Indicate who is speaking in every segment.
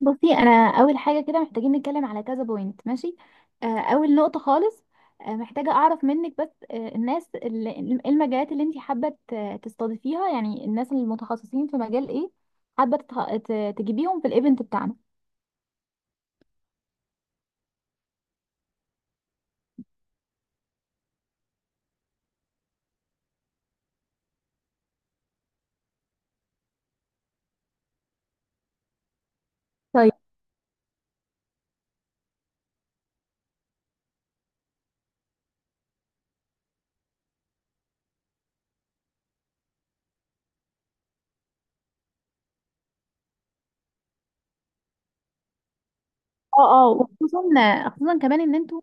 Speaker 1: بصي، انا اول حاجه كده محتاجين نتكلم على كذا بوينت، ماشي؟ اول نقطه خالص. محتاجه اعرف منك بس، الناس اللي... إيه المجالات اللي انت حابه تستضيفيها؟ يعني الناس المتخصصين في مجال ايه حابه تجيبيهم في الايفنت بتاعنا؟ طيب. اه، اه، وخصوصا خصوصا كمان ان انتوا...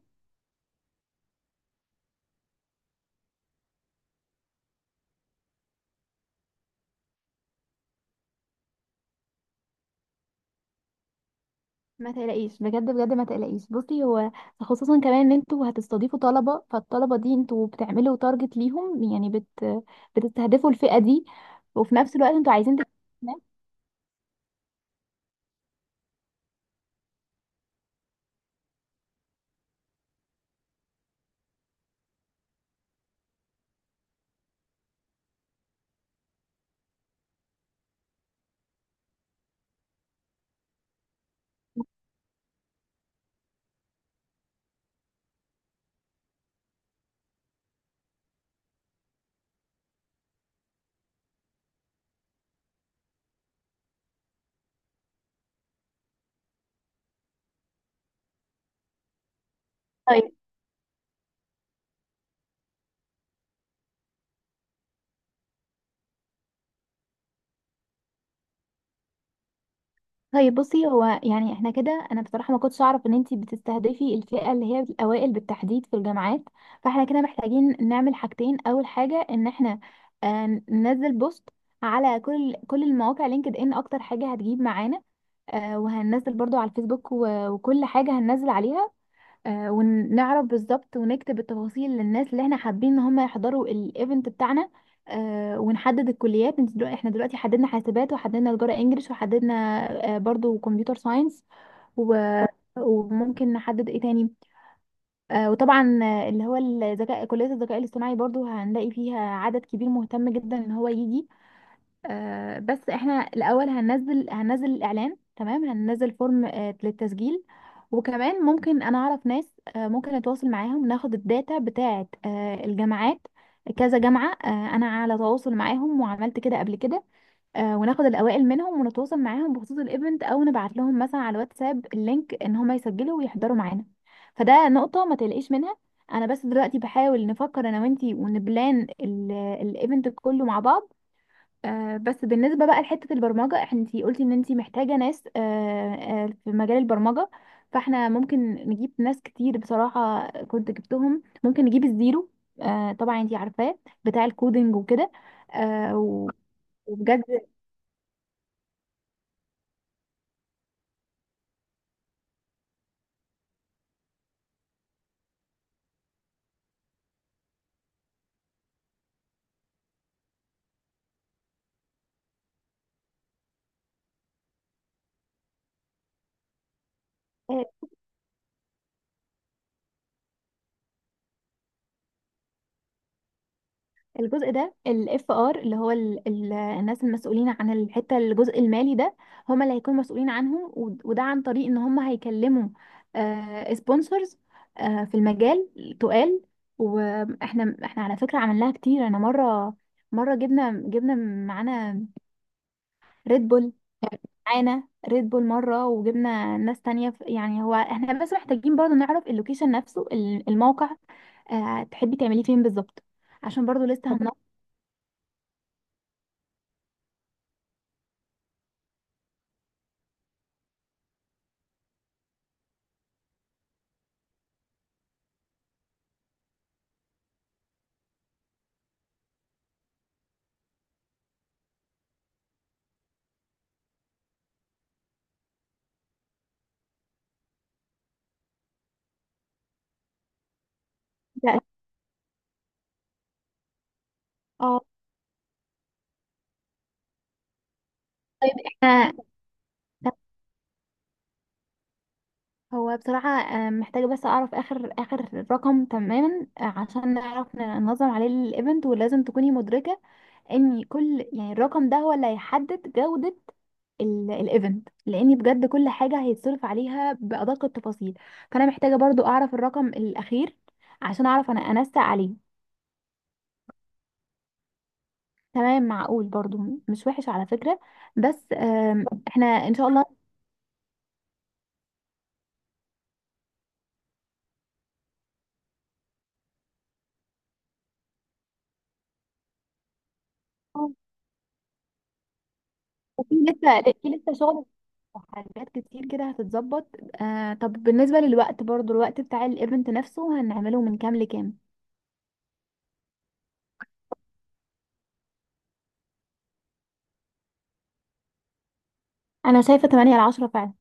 Speaker 1: ما تقلقيش، بجد بجد ما تقلقيش. بصي، هو خصوصا كمان ان انتوا هتستضيفوا طلبة، فالطلبة دي انتوا بتعملوا تارجت ليهم، يعني بتستهدفوا الفئة دي. وفي نفس الوقت انتوا عايزين تكسبوا ناس. طيب، طيب. بصي، هو يعني احنا كده، انا بصراحه ما كنتش اعرف ان انتي بتستهدفي الفئه اللي هي الاوائل بالتحديد في الجامعات. فاحنا كده محتاجين نعمل حاجتين. اول حاجه، ان احنا ننزل بوست على كل المواقع. لينكد ان اكتر حاجه هتجيب معانا، وهننزل برضو على الفيسبوك، وكل حاجه هننزل عليها. ونعرف بالظبط ونكتب التفاصيل للناس اللي احنا حابين ان هم يحضروا الايفنت بتاعنا. ونحدد الكليات. انت دلوقتي... احنا دلوقتي حددنا حاسبات، وحددنا تجارة انجليش، وحددنا برضو كمبيوتر ساينس و... وممكن نحدد ايه تاني. وطبعا اللي هو الذكاء... كلية الذكاء الاصطناعي برضو هنلاقي فيها عدد كبير مهتم جدا ان هو يجي. بس احنا الاول هننزل الاعلان، تمام. هننزل فورم للتسجيل. وكمان ممكن انا اعرف ناس ممكن اتواصل معاهم ناخد الداتا بتاعه الجامعات. كذا جامعة، انا على تواصل معاهم وعملت كده قبل كده. وناخد الاوائل منهم ونتواصل معاهم بخصوص الايفنت، او نبعت لهم مثلا على الواتساب اللينك، ان هم يسجلوا ويحضروا معانا. فده نقطة ما تقلقيش منها. انا بس دلوقتي بحاول نفكر انا وانتي، ونبلان الايفنت كله مع بعض. بس بالنسبة بقى لحتة البرمجة، انتي قلتي ان انتي محتاجة ناس في مجال البرمجة. فاحنا ممكن نجيب ناس كتير. بصراحة كنت جبتهم، ممكن نجيب الزيرو، طبعا انتي عارفاه، بتاع الكودينج وكده. آه، و- وبجد الجزء ده، الاف ار، اللي هو ال ال الناس المسؤولين عن الحته... الجزء المالي ده هم اللي هيكونوا مسؤولين عنهم. وده عن طريق ان هم هيكلموا سبونسرز في المجال تقال. واحنا على فكره عملناها كتير. انا مره جبنا معانا ريد بول. معانا ريد بول مره، وجبنا ناس تانية يعني هو احنا بس محتاجين برضو نعرف اللوكيشن نفسه، الموقع. تحبي تعملي فين بالظبط؟ عشان برضو لسه هنناقش. طيب، احنا... هو بصراحة محتاجة بس أعرف آخر آخر رقم تماما، عشان نعرف ننظم عليه الإيفنت. ولازم تكوني مدركة إن كل... يعني الرقم ده هو اللي هيحدد جودة الإيفنت، لأن بجد كل حاجة هيتصرف عليها بأدق التفاصيل. فأنا محتاجة برضو أعرف الرقم الأخير عشان أعرف أنا أنسق عليه. تمام، معقول برضو، مش وحش على فكرة. بس احنا إن شاء الله... في لسه شغل، حاجات كتير كده هتتظبط. آه، طب بالنسبة للوقت برضو، الوقت بتاع الايفنت نفسه، هنعمله من كام لكام؟ انا شايفة 8 ل 10 فعلا.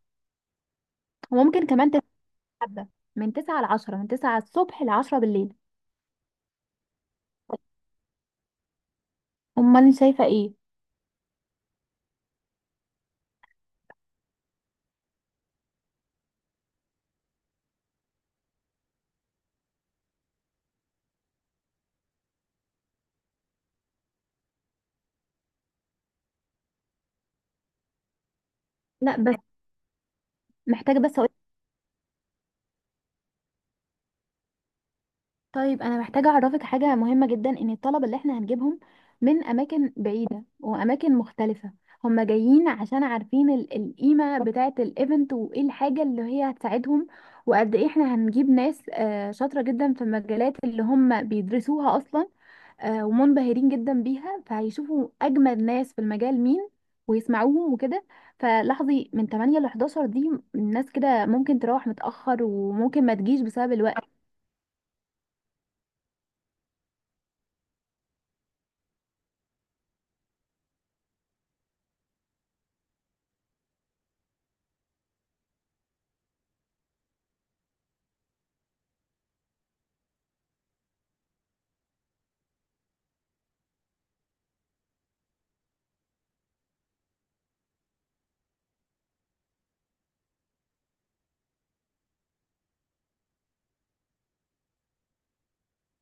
Speaker 1: وممكن كمان تتحدى من 9 ل 10، من 9 الصبح ل 10 بالليل. امال انت شايفة ايه؟ لا، بس محتاجة بس... طيب، انا محتاجه اعرفك حاجه مهمه جدا، ان الطلبه اللي احنا هنجيبهم من اماكن بعيده واماكن مختلفه، هم جايين عشان عارفين القيمه بتاعه الايفنت، وايه الحاجه اللي هي هتساعدهم. وقد ايه احنا هنجيب ناس شاطره جدا في المجالات اللي هم بيدرسوها اصلا. ومنبهرين جدا بيها، فهيشوفوا اجمد ناس في المجال مين، ويسمعوهم وكده. فلاحظي، من 8 ل 11 دي، الناس كده ممكن تروح متأخر، وممكن ما تجيش بسبب الوقت.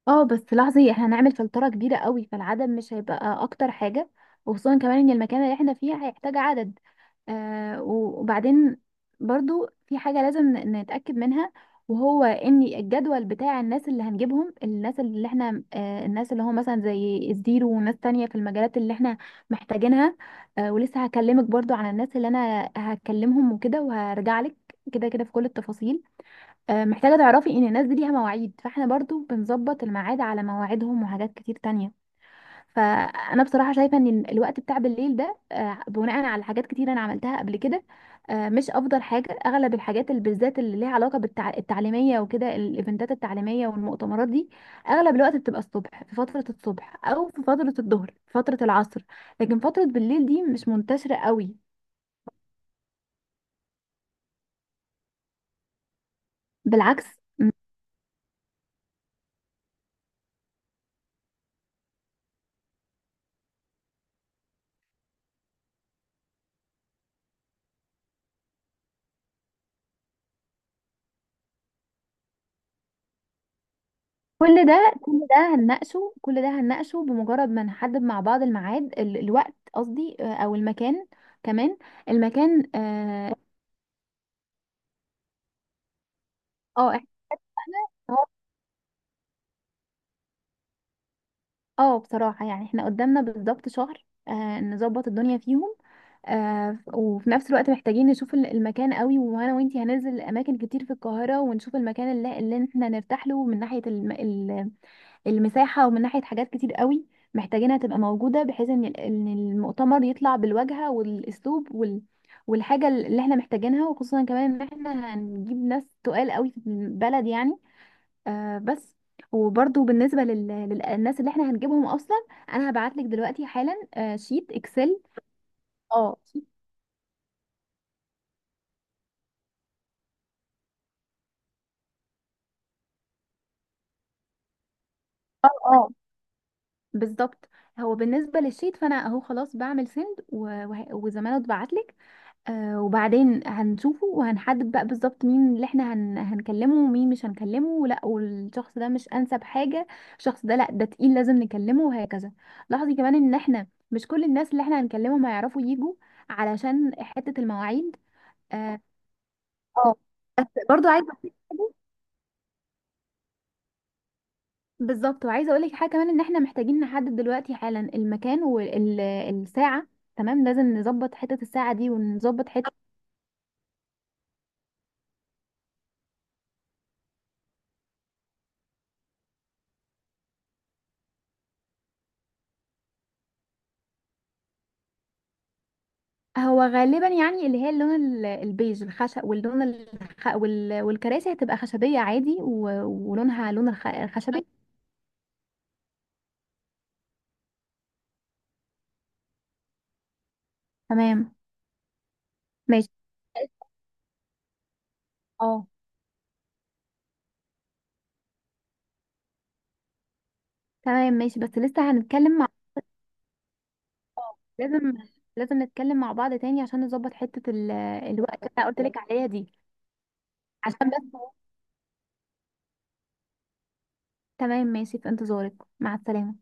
Speaker 1: اه، بس لاحظي احنا هنعمل فلترة كبيرة قوي، فالعدد مش هيبقى اكتر حاجة. وخصوصا كمان ان المكان اللي احنا فيه هيحتاج عدد. وبعدين برضو في حاجة لازم نتأكد منها. وهو ان الجدول بتاع الناس اللي هنجيبهم، الناس اللي احنا... الناس اللي هو مثلا زي الزيرو، وناس تانية في المجالات اللي احنا محتاجينها. ولسه هكلمك برضو عن الناس اللي انا هكلمهم وكده، وهرجع لك كده كده في كل التفاصيل. محتاجة تعرفي ان الناس دي ليها مواعيد، فاحنا برضو بنظبط الميعاد على مواعيدهم، وحاجات كتير تانية. فانا بصراحة شايفة ان الوقت بتاع بالليل ده، بناء على حاجات كتير انا عملتها قبل كده، مش افضل حاجة. اغلب الحاجات، اللي بالذات اللي ليها علاقة بالتعليمية وكده، الايفنتات التعليمية والمؤتمرات دي، اغلب الوقت بتبقى الصبح، في فترة الصبح او في فترة الظهر، في فترة العصر. لكن فترة بالليل دي مش منتشرة قوي. بالعكس. كل ده هنناقشه، بمجرد ما نحدد مع بعض الميعاد، الوقت قصدي، او المكان كمان. المكان، اه. آه، احنا اه بصراحة يعني احنا قدامنا بالظبط شهر نظبط الدنيا فيهم. وفي نفس الوقت محتاجين نشوف المكان قوي، وانا وانتي هننزل اماكن كتير في القاهرة، ونشوف المكان اللي احنا نرتاح له، من ناحية المساحة، ومن ناحية حاجات كتير قوي محتاجينها تبقى موجودة، بحيث ان إن المؤتمر يطلع بالواجهة والاسلوب والحاجة اللي احنا محتاجينها. وخصوصا كمان ان احنا هنجيب ناس تقال قوي في البلد يعني. بس. وبرضو بالنسبة للناس اللي احنا هنجيبهم اصلا، انا هبعتلك دلوقتي حالا شيت اكسل. اه، اه، اه، بالظبط. هو بالنسبة للشيت، فانا اهو خلاص بعمل سند وزمانه اتبعتلك. وبعدين هنشوفه، وهنحدد بقى بالظبط مين اللي احنا هنكلمه ومين مش هنكلمه، لا والشخص ده مش انسب حاجة، الشخص ده لا ده تقيل لازم نكلمه، وهكذا. لاحظي كمان ان احنا مش كل الناس اللي احنا هنكلمهم هيعرفوا يجوا، علشان حتة المواعيد. اه. آه. بس برضو عايزة أقول لك حاجة. بالظبط. وعايزة اقول لك حاجة كمان، ان احنا محتاجين نحدد دلوقتي حالا المكان والساعة. تمام، لازم نظبط حتة الساعة دي، ونظبط حتة... هو غالبا يعني اللي هي اللون البيج الخشب، واللون والكراسي هتبقى خشبية عادي ولونها لون الخشبي. تمام، ماشي. اه. تمام، ماشي، بس لسه هنتكلم مع... آه، لازم لازم نتكلم مع بعض تاني، عشان نظبط حتة الوقت اللي انا قلت لك عليها دي، عشان بس. تمام، ماشي، في انتظارك. مع السلامة.